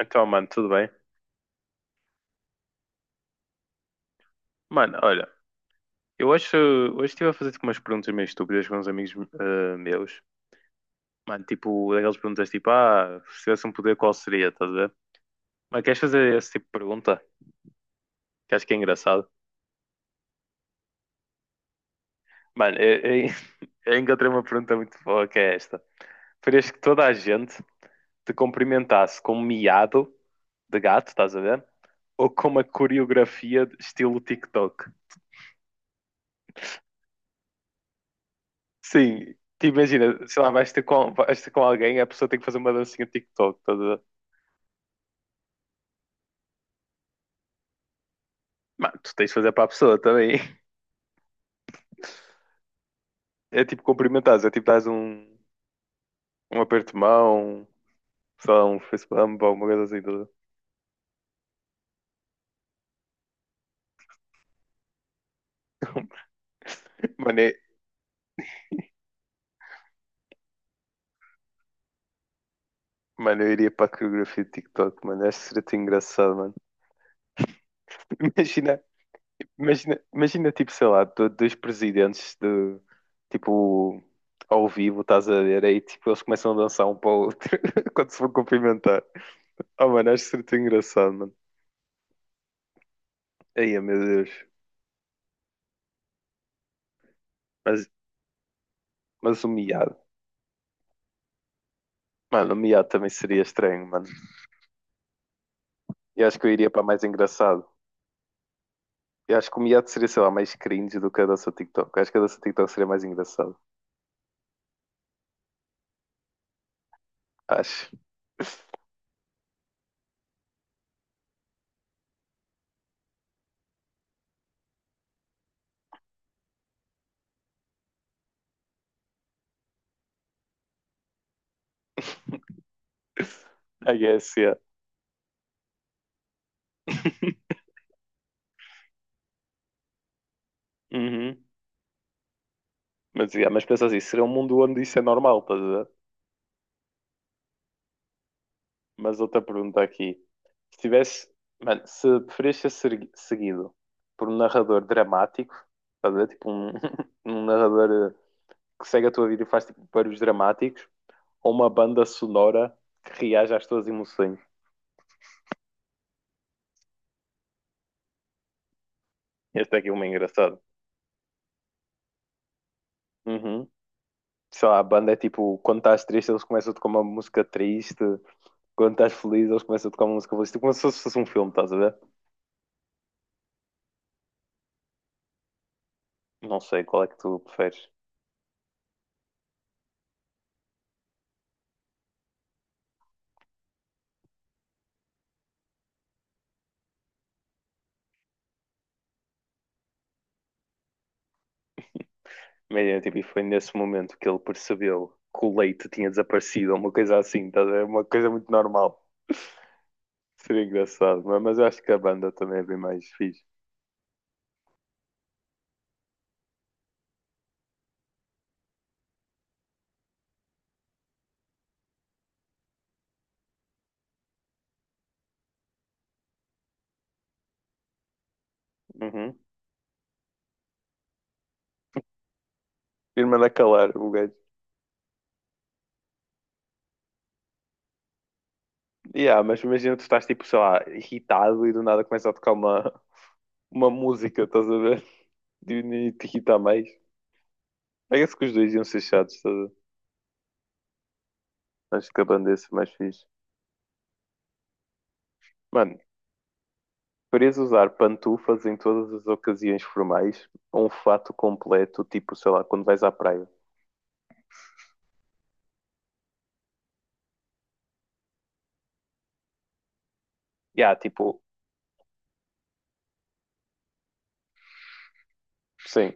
Então, mano, tudo bem? Mano, olha, eu acho. Hoje estive a fazer tipo, umas perguntas meio estúpidas com uns amigos meus. Mano, tipo, daquelas perguntas tipo, ah, se tivesse um poder, qual seria? Estás a ver? Mas queres fazer esse tipo de pergunta? Que acho que é engraçado. Mano, eu encontrei uma pergunta muito boa que é esta. Preferias que toda a gente te cumprimentasse com um miado de gato, estás a ver? Ou com uma coreografia de estilo TikTok? Sim, te imagina, sei lá, vais ter com alguém, a pessoa tem que fazer uma dancinha de TikTok toda. Mas tu tens de fazer para a pessoa também. É tipo cumprimentares, é tipo dás um aperto de mão, sei lá, um face bump ou alguma coisa assim toda. Mano, é- mano, eu iria para a coreografia de TikTok, mano, acho que seria tão engraçado, mano. Imagina, imagina tipo, sei lá, dois presidentes de, tipo, ao vivo, estás a ver, aí tipo, eles começam a dançar um para o outro quando se vão cumprimentar. Oh, mano, acho que seria tão engraçado, mano. Ai, meu Deus. Mas, mas o miado. Mano, o miado também seria estranho, mano. Eu acho que eu iria para mais engraçado. Eu acho que o miado seria, sei lá, mais cringe do que a dança TikTok. Eu acho que a dança TikTok seria mais engraçado. Acho. I guess, yeah. Uhum. Mas, yeah, mas pensa assim, seria um mundo onde isso é normal, estás a ver? Mas outra pergunta aqui. Se tivesse, mano, se preferias seguido por um narrador dramático, estás a ver? Tipo um, um narrador que segue a tua vida e faz tipo, barulhos dramáticos, ou uma banda sonora que reaja às tuas emoções. Este aqui é uma engraçado. Uhum. Sei lá, a banda é tipo, quando estás triste, eles começam a tocar uma música triste, quando estás feliz, eles começam a tocar uma música feliz. Tipo, como se fosse um filme, estás a ver? Não sei qual é que tu preferes. Mas tipo, e foi nesse momento que ele percebeu que o leite tinha desaparecido, uma coisa assim, estás a ver? Uma coisa muito normal. Seria engraçado, mas eu acho que a banda também é bem mais fixe. Uhum. Irmã da Calar, o gajo. Yeah, mas imagina tu estás tipo, sei lá, irritado e do nada começa a tocar uma, música, estás a ver? E nem te irrita mais. Parece que os dois iam ser chatos, estás a ver? Acho que a banda ia ser mais fixe. Mano, preferias usar pantufas em todas as ocasiões formais ou um fato completo, tipo, sei lá, quando vais à praia? Yeah, tipo, sim.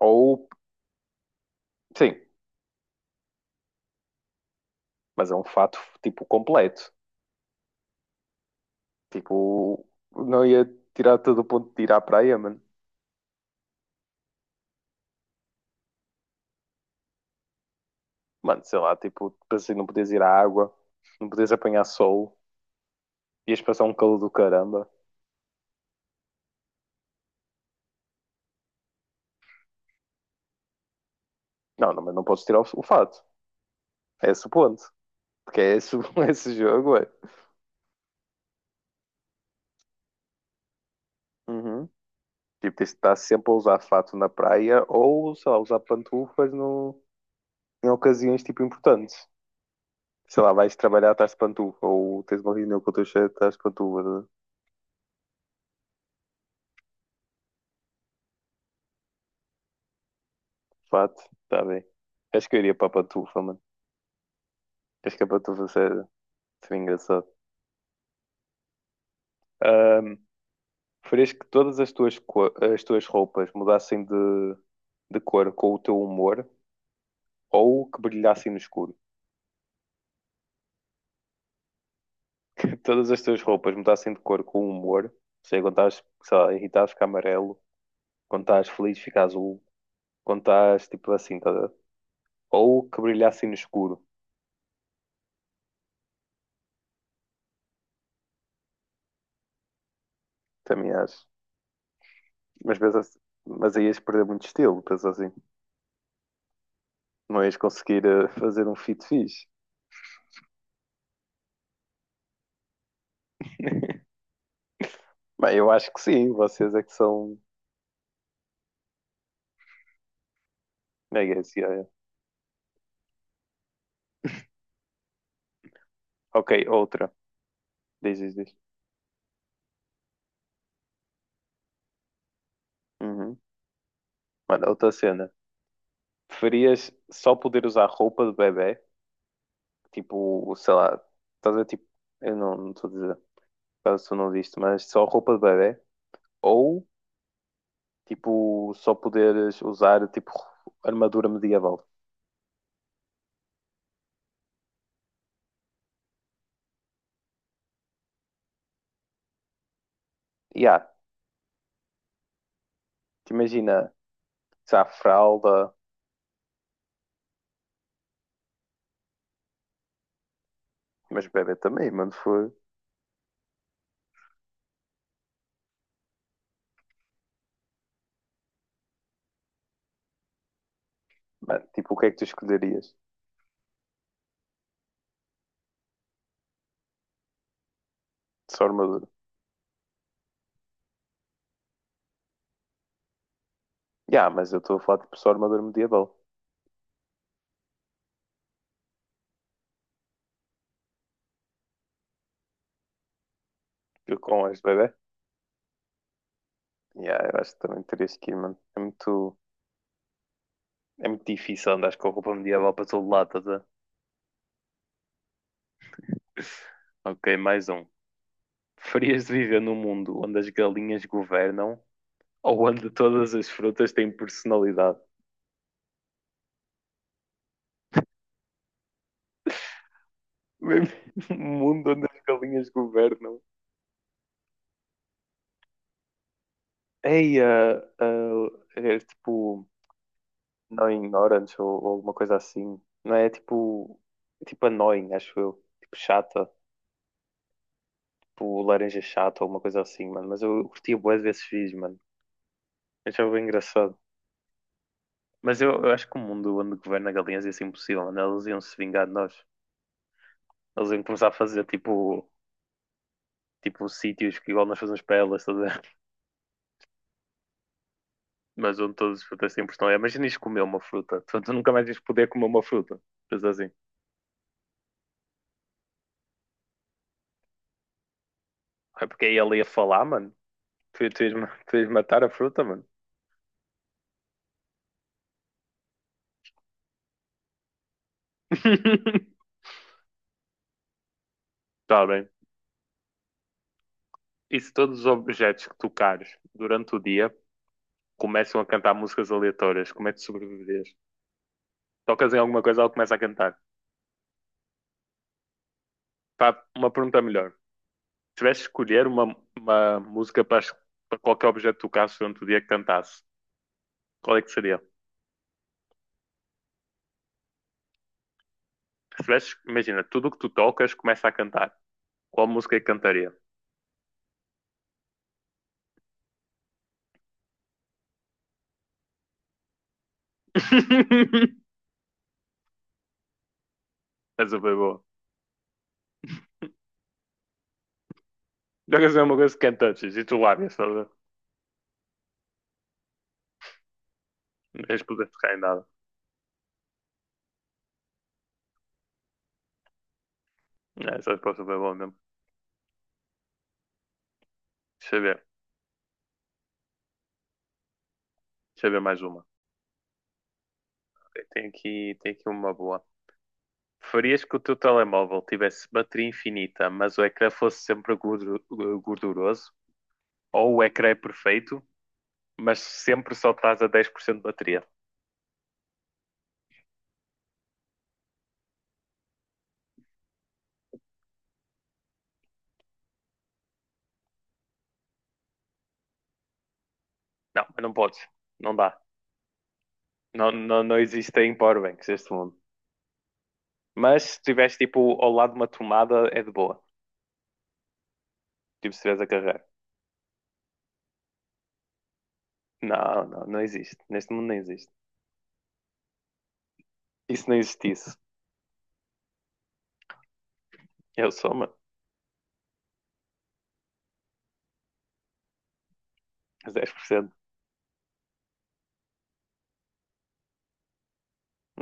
Ou, sim, mas é um fato, tipo, completo. Tipo, não ia tirar todo o ponto de ir à praia, mano. Mano, sei lá, tipo, pensei não podias ir à água, não podias apanhar sol, ias passar um calor do caramba. Não, não, mas não podes tirar o fato. É esse o ponto. Porque é esse, esse jogo, é. Uhum. Tipo, tens de estar sempre a usar fato na praia ou, sei lá, usar pantufas no, em ocasiões, tipo, importantes. Sei lá, vais trabalhar, estás de pantufa, ou tens uma reunião com o teu chefe, estás de pantufa, de fato, está bem. Acho que eu iria para a pantufa, mano. Acho que a pantufa seria engraçado. Ahm, Preferias que todas as tuas roupas mudassem de cor com o teu humor ou que brilhassem no escuro? todas as tuas roupas mudassem de cor com o humor, ou seja, quando estás, sei lá, irritado fica amarelo, quando estás feliz fica azul, quando estás tipo assim, tá a ver? Ou que brilhassem no escuro, também acho. Mas, pensas, mas aí ias perder muito estilo, penso assim. Não ias conseguir fazer um fit fixe. Bem, eu acho que sim, vocês é que são. É, é, é. Ok, outra. Diz, diz, diz. Uhum. Mano, é outra cena. Preferias só poder usar roupa de bebé? Tipo, sei lá, estás a ver, tipo, eu não estou a dizer, caso tu não viste, mas só roupa de bebé? Ou, tipo, só poderes usar, tipo, armadura medieval? E há, te imagina, sei lá, fralda, mas bebé também, mano, foi. Mano, tipo, o que é que tu escolherias? Só armadura. E há, mas eu estou a falar, tipo, só armadura medieval. Eu com as de bebé? E há, eu acho que também terias que ir, mano. É muito. É muito difícil andar com roupa medieval para todo lado. Ok, mais um. Preferias viver num mundo onde as galinhas governam ou onde todas as frutas têm personalidade? Um mundo onde as galinhas governam. Ei, é tipo Annoying Orange ou alguma coisa assim. Não é. É tipo Annoying, acho eu. Tipo chata, tipo laranja chata ou alguma coisa assim, mano. Mas eu curtia bué desses vídeos, mano. Eu já bem engraçado. Mas eu acho que o mundo onde governa galinhas ia ser impossível, mano. Elas iam se vingar de nós. Elas iam começar a fazer tipo sítios que igual nós fazemos para elas, estás a ver? Mas onde todas as frutas têm pressão. Imagina isto comer uma fruta. Tu nunca mais ias poder comer uma fruta. Mas assim. É porque aí ele ia falar, mano. Tu ias matar a fruta, mano. Tá bem. E se todos os objetos que tocares durante o dia começam a cantar músicas aleatórias, como é que sobreviveres? Tocas em alguma coisa, ela começa a cantar. Pá, uma pergunta melhor. Tivesse de escolher uma, música para qualquer objeto que tocasse durante o dia que cantasse, qual é que seria? Se tivesse, imagina, tudo o que tu tocas começa a cantar. Qual música é que cantaria? Essa foi boa. Jogas é uma coisa que cantantes e tu lábias, estás a ver? Não tens poder de tocar em nada. É, essa resposta foi boa mesmo. Deixa eu ver. Deixa eu ver mais uma. Tem aqui uma boa. Preferias que o teu telemóvel tivesse bateria infinita, mas o ecrã fosse sempre gorduroso? Ou o ecrã é perfeito, mas sempre só estás a 10% de bateria. Não, mas não podes, não dá. Não, não, não existem powerbanks neste mundo. Mas se estiveres tipo ao lado de uma tomada, é de boa. Tipo, se estiveres a carregar. Não, não, não existe. Neste mundo não existe. E se não existisse? Eu sou, mano. Dez por cento.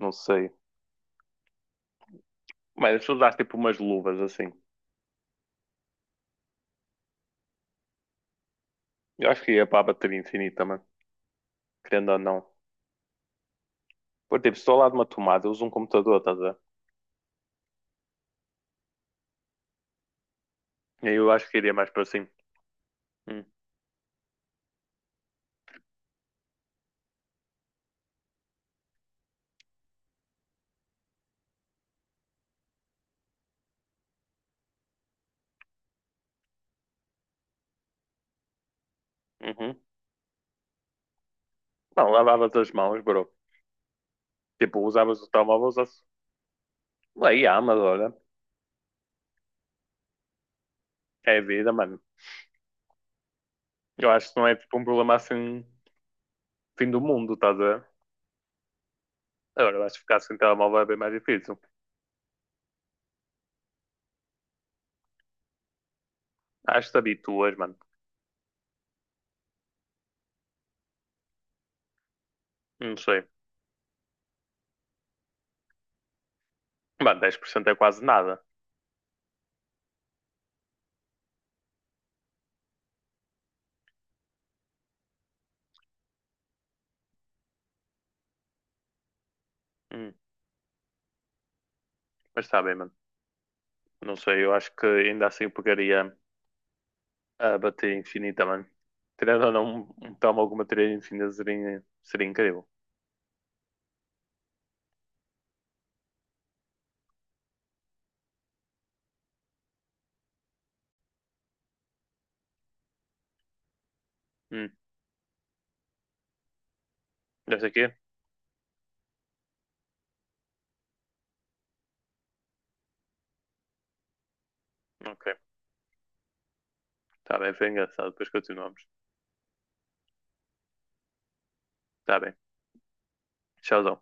Não sei. Mas se usaste tipo umas luvas assim, eu acho que ia para a bateria infinita, mano. Querendo ou não. Por tipo, se estou ao lado de uma tomada, eu uso um computador, estás a ver? E aí eu acho que iria mais para assim. Hum, uhum. Não, lavavas as mãos, bro. Tipo, usavas o telemóvel, usavas. Aí, há mas olha, é a vida, mano. Eu acho que não é tipo um problema assim, fim do mundo, estás a ver? Agora, eu acho que ficar sem telemóvel é bem mais difícil. Acho que te habituas, mano. Não sei. Mano, dez por cento é quase nada. Hum, mas está bem, mano. Não sei, eu acho que ainda assim eu pegaria a bateria infinita, mano. Tirando ou não um telemóvel com bateria infinita seria incrível. Hum, já sei aqui? Ok. Está bem, foi engraçado. Depois continuamos. Está bem. Tchauzão.